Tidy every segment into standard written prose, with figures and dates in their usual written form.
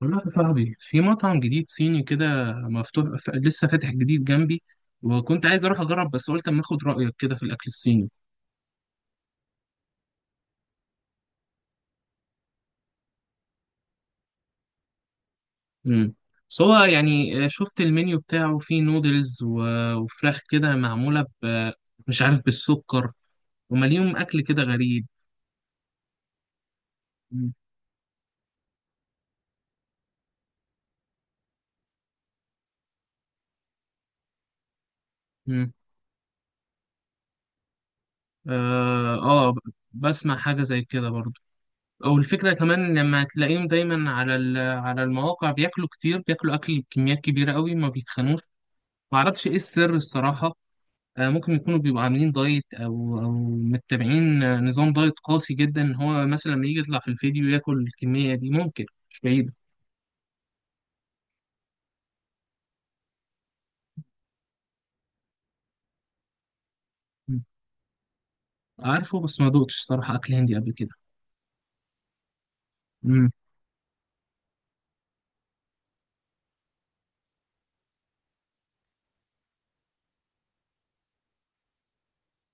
بقول لك يا صاحبي، في مطعم جديد صيني كده مفتوح لسه فاتح جديد جنبي. وكنت عايز اروح اجرب، بس قلت اما اخد رايك كده في الاكل الصيني. امم بس هو يعني شفت المنيو بتاعه فيه نودلز وفراخ كده معموله مش عارف، بالسكر ومليون اكل كده غريب. مم. مم. اه. بسمع حاجه زي كده برضو. او الفكره كمان لما تلاقيهم دايما على المواقع، بياكلوا كتير، بياكلوا اكل بكميات كبيره قوي ما بيتخنوش. معرفش ايه السر الصراحه. ممكن يكونوا بيبقوا عاملين دايت، او متبعين نظام دايت قاسي جدا، إن هو مثلا لما يجي يطلع في الفيديو ياكل الكميه دي ممكن. مش بعيده. مم. عارفه، بس ما دوقتش صراحه اكل هندي قبل كده. امم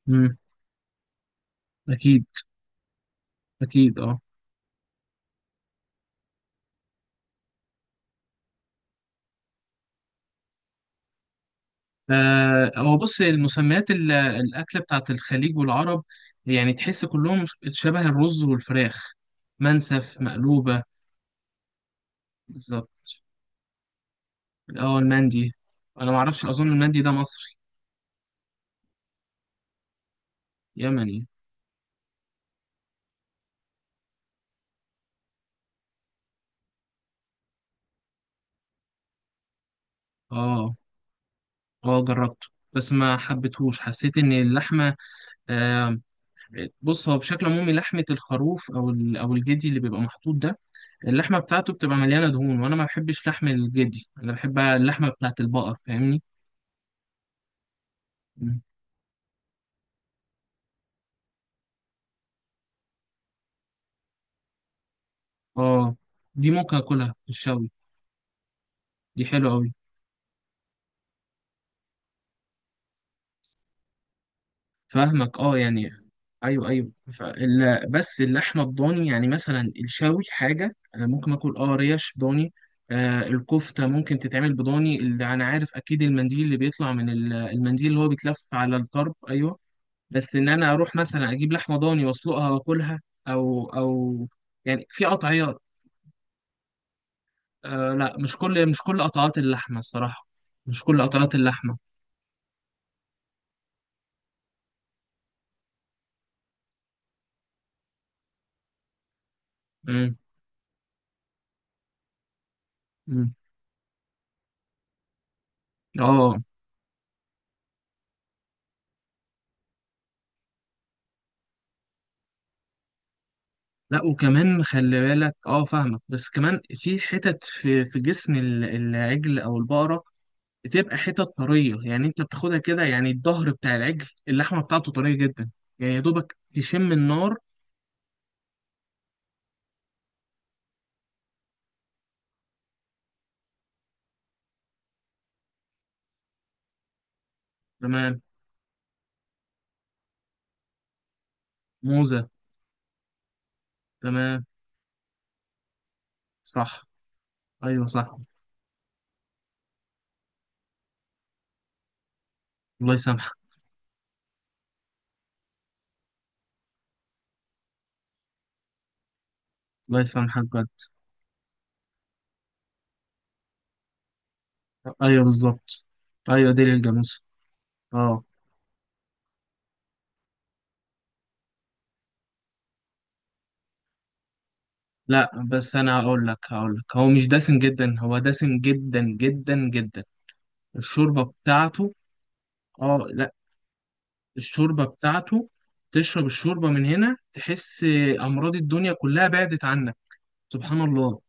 امم اكيد. اكيد اه. هو بص، المسميات الاكله بتاعت الخليج والعرب، يعني تحس كلهم شبه الرز والفراخ. منسف، مقلوبه. بالظبط. اه، المندي. انا ما اعرفش، اظن المندي ده مصري. يمني. اه، اه، جربته بس ما حبيتهوش، حسيت ان اللحمه... آه بص، هو بشكل عمومي لحمه الخروف او الجدي اللي بيبقى محطوط ده، اللحمه بتاعته بتبقى مليانه دهون، وانا ما بحبش لحم الجدي، انا بحب اللحمه بتاعت البقر، فاهمني؟ م. اه. دي ممكن اكلها في الشوي. دي حلوه قوي. فاهمك، اه يعني. ايوه، ايوه. بس اللحمه الضاني، يعني مثلا الشاوي حاجه انا ممكن اكل، اه، ريش ضاني. الكفته ممكن تتعمل بضاني، اللي انا عارف اكيد المنديل اللي بيطلع المنديل اللي هو بيتلف على الطرب، ايوه. بس ان انا اروح مثلا اجيب لحمه ضاني واسلقها واكلها، او يعني في قطعيات. لا، مش كل قطعات اللحمه الصراحه. مش كل قطعات اللحمه. امم أمم. اه لا، وكمان خلي بالك، اه فاهمك، بس كمان في حتت في جسم العجل او البقره، بتبقى حتت طريه، يعني انت بتاخدها كده، يعني الظهر بتاع العجل اللحمه بتاعته طريه جدا، يعني يا دوبك تشم النار. تمام. موزه. تمام، صح. ايوه، صح. الله يسامحك. الله يسامحك بجد. ايوه، بالظبط. ايوه، ديل الجاموسه. اه لا، بس انا هقول لك هو مش دسم جدا، هو دسم جدا جدا جدا. الشوربه بتاعته. اه لا. الشوربة بتاعته، تشرب الشوربة من هنا، تحس أمراض الدنيا كلها بعدت عنك. سبحان الله.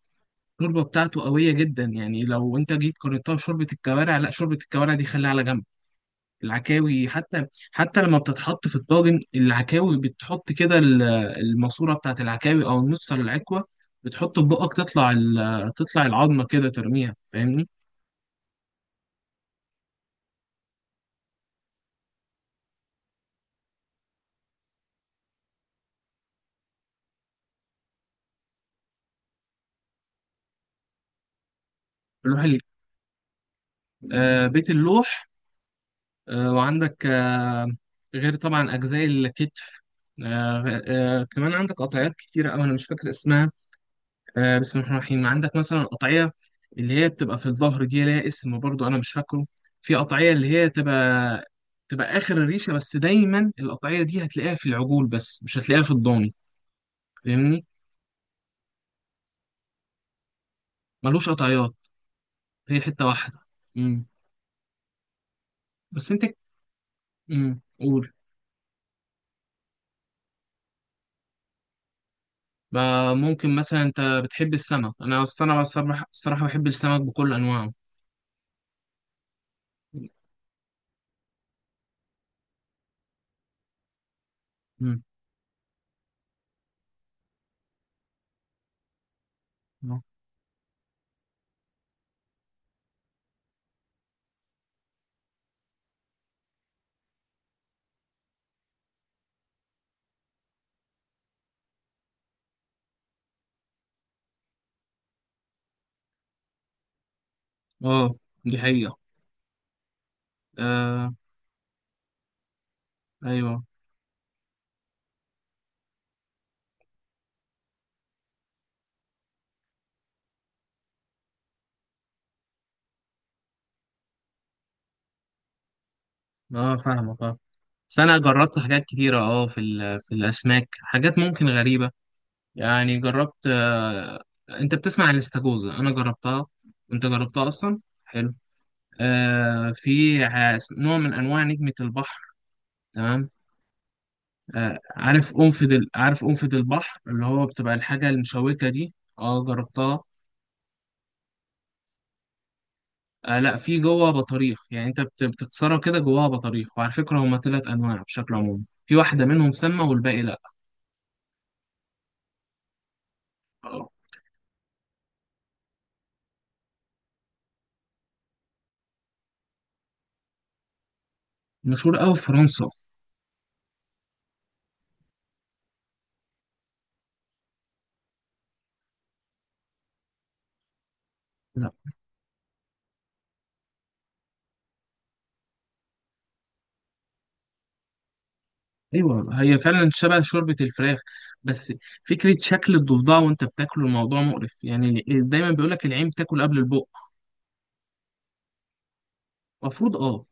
الشوربة بتاعته قوية جدا، يعني لو أنت جيت قارنتها بشوربة الكوارع، لا، شوربة الكوارع دي خليها على جنب. العكاوي حتى، حتى لما بتتحط في الطاجن العكاوي بتحط كده الماسورة بتاعت العكاوي، أو النص على العكوة، بتحط في بقك تطلع تطلع العظمة كده ترميها، فاهمني؟ اللوح ال- بيت اللوح. وعندك غير طبعا أجزاء الكتف. كمان عندك قطعيات كتيرة أوي، أنا مش فاكر اسمها. بسم الله الرحمن الرحيم، عندك مثلا قطعية اللي هي بتبقى في الظهر، دي ليها اسم برضو، أنا مش فاكره. في قطعية اللي هي تبقى آخر الريشة، بس دايما القطعية دي هتلاقيها في العجول بس مش هتلاقيها في الضاني، فاهمني؟ ملوش قطعيات، هي حتة واحدة. مم. بس أنت. مم، قول. بقى ممكن مثلا أنت بتحب السمك، أنا أصل أنا بصراحة الصراحة بحب السمك بكل أنواعه. مم. اه، دي حقيقة. آه. أيوه. اه فاهمك اه. بس انا جربت حاجات كتيره، اه، في الاسماك حاجات ممكن غريبه. يعني جربت، انت بتسمع عن الاستاكوزا، انا جربتها. انت جربتها اصلا؟ حلو. في نوع من انواع نجمه البحر. تمام. عارف قنفذ البحر اللي هو بتبقى الحاجه المشوكه دي؟ اه، جربتها. لا، في جوه بطاريخ، يعني انت بتكسرها كده جواها بطاريخ، وعلى فكره هما ثلاث انواع بشكل عمومي، في واحده منهم سامه والباقي... لا. مشهور قوي في فرنسا. لا. ايوه، هي فعلا شبه شوربه الفراخ. بس فكره شكل الضفدع وانت بتاكله الموضوع مقرف، يعني دايما بيقول لك العين بتاكل قبل البق. المفروض اه.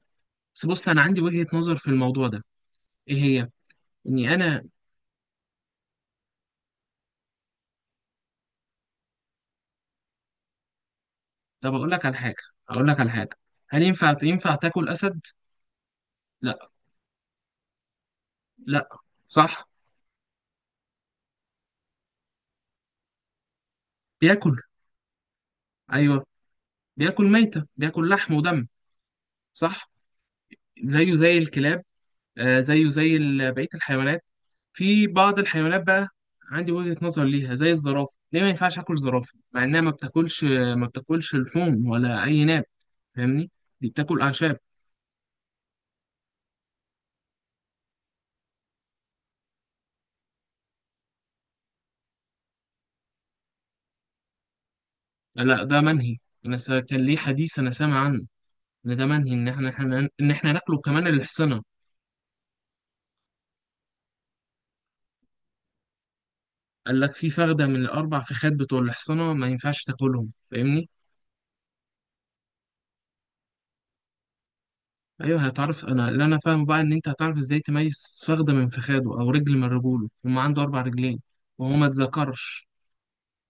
بس بص، انا عندي وجهه نظر في الموضوع ده. ايه هي؟ اني انا... طب اقول لك على حاجه. هل ينفع تاكل اسد؟ لا. لا. صح. بياكل. ايوه، بياكل ميته، بياكل لحم ودم. صح. زيه زي الكلاب. زيه بقية الحيوانات. في بعض الحيوانات بقى، عندي وجهة نظر ليها زي الزرافة، ليه ما ينفعش آكل زرافة مع إنها ما بتاكلش؟ ما بتاكلش لحوم ولا أي ناب، فاهمني؟ دي بتاكل أعشاب. لا، ده منهي. كان ليه حديث أنا سامع عنه، إن ده منهي، إن إحنا ناكله كمان الحصنة. قال لك في فخدة من الأربع فخاد بتوع الحصنة ما ينفعش تاكلهم، فاهمني؟ ايوه هتعرف، انا اللي انا فاهم بقى ان انت هتعرف ازاي تميز فخده من فخاده، او رجل من رجوله، هما عنده اربع رجلين. وهو ما اتذكرش،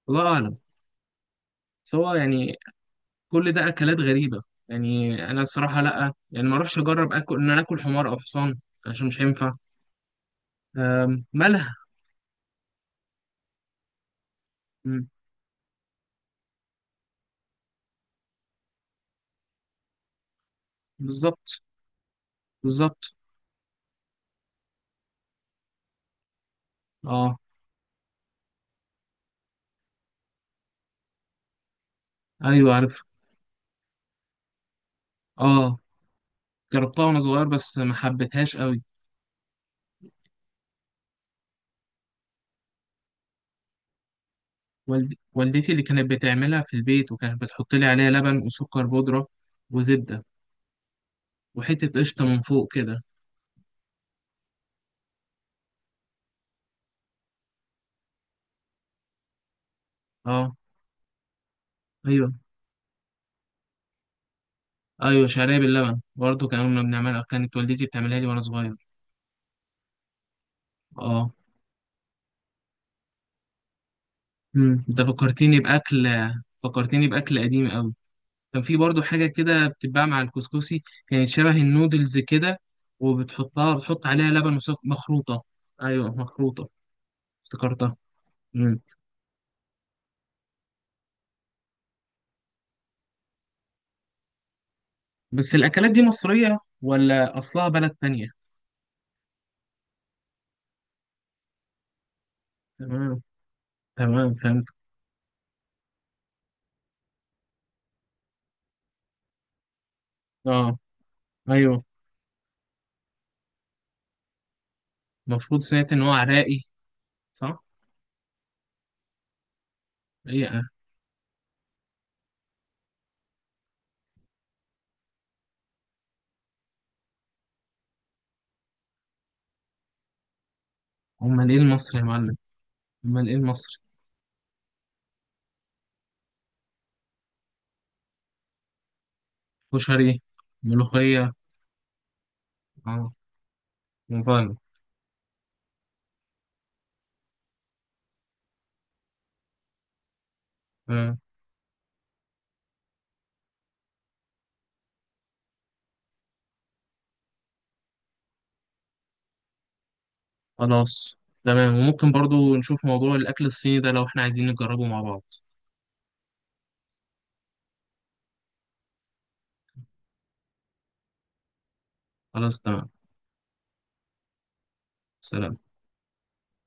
الله اعلم. سواء يعني، كل ده اكلات غريبه. يعني انا الصراحه، لا يعني ما اروحش اجرب اكل، ان انا اكل حمار او حصان. عشان مش هينفع. مالها؟ أم، بالظبط، بالظبط، اه. ايوه، عارف. اه، جربتها وانا صغير بس ما حبيتهاش قوي. والدتي اللي كانت بتعملها في البيت، وكانت بتحط لي عليها لبن وسكر بودره، وزبده، وحتة قشطة من فوق كده. اه. ايوه، ايوه، شعرية باللبن برضه، كنا بنعملها، كانت والدتي بتعملها لي وانا صغير. اه. انت فكرتني باكل، فكرتني باكل قديم قوي. كان في برضه حاجة كده بتتباع مع الكسكسي، كانت شبه النودلز كده، بتحط عليها لبن وسكر مخروطة. ايوه، مخروطة. افتكرتها. امم بس الاكلات دي مصرية ولا اصلها بلد تانية؟ تمام. تمام، فهمت. اه. ايوه. المفروض سمعت ان هو عراقي. صح؟ هي. امال ايه المصري يا معلم؟ امال ايه المصري؟ كشري. ملوخية. اه، مفاهيم. آه. خلاص تمام، وممكن برضو نشوف موضوع الاكل الصيني ده لو احنا عايزين نجربه مع بعض. خلاص تمام. سلام.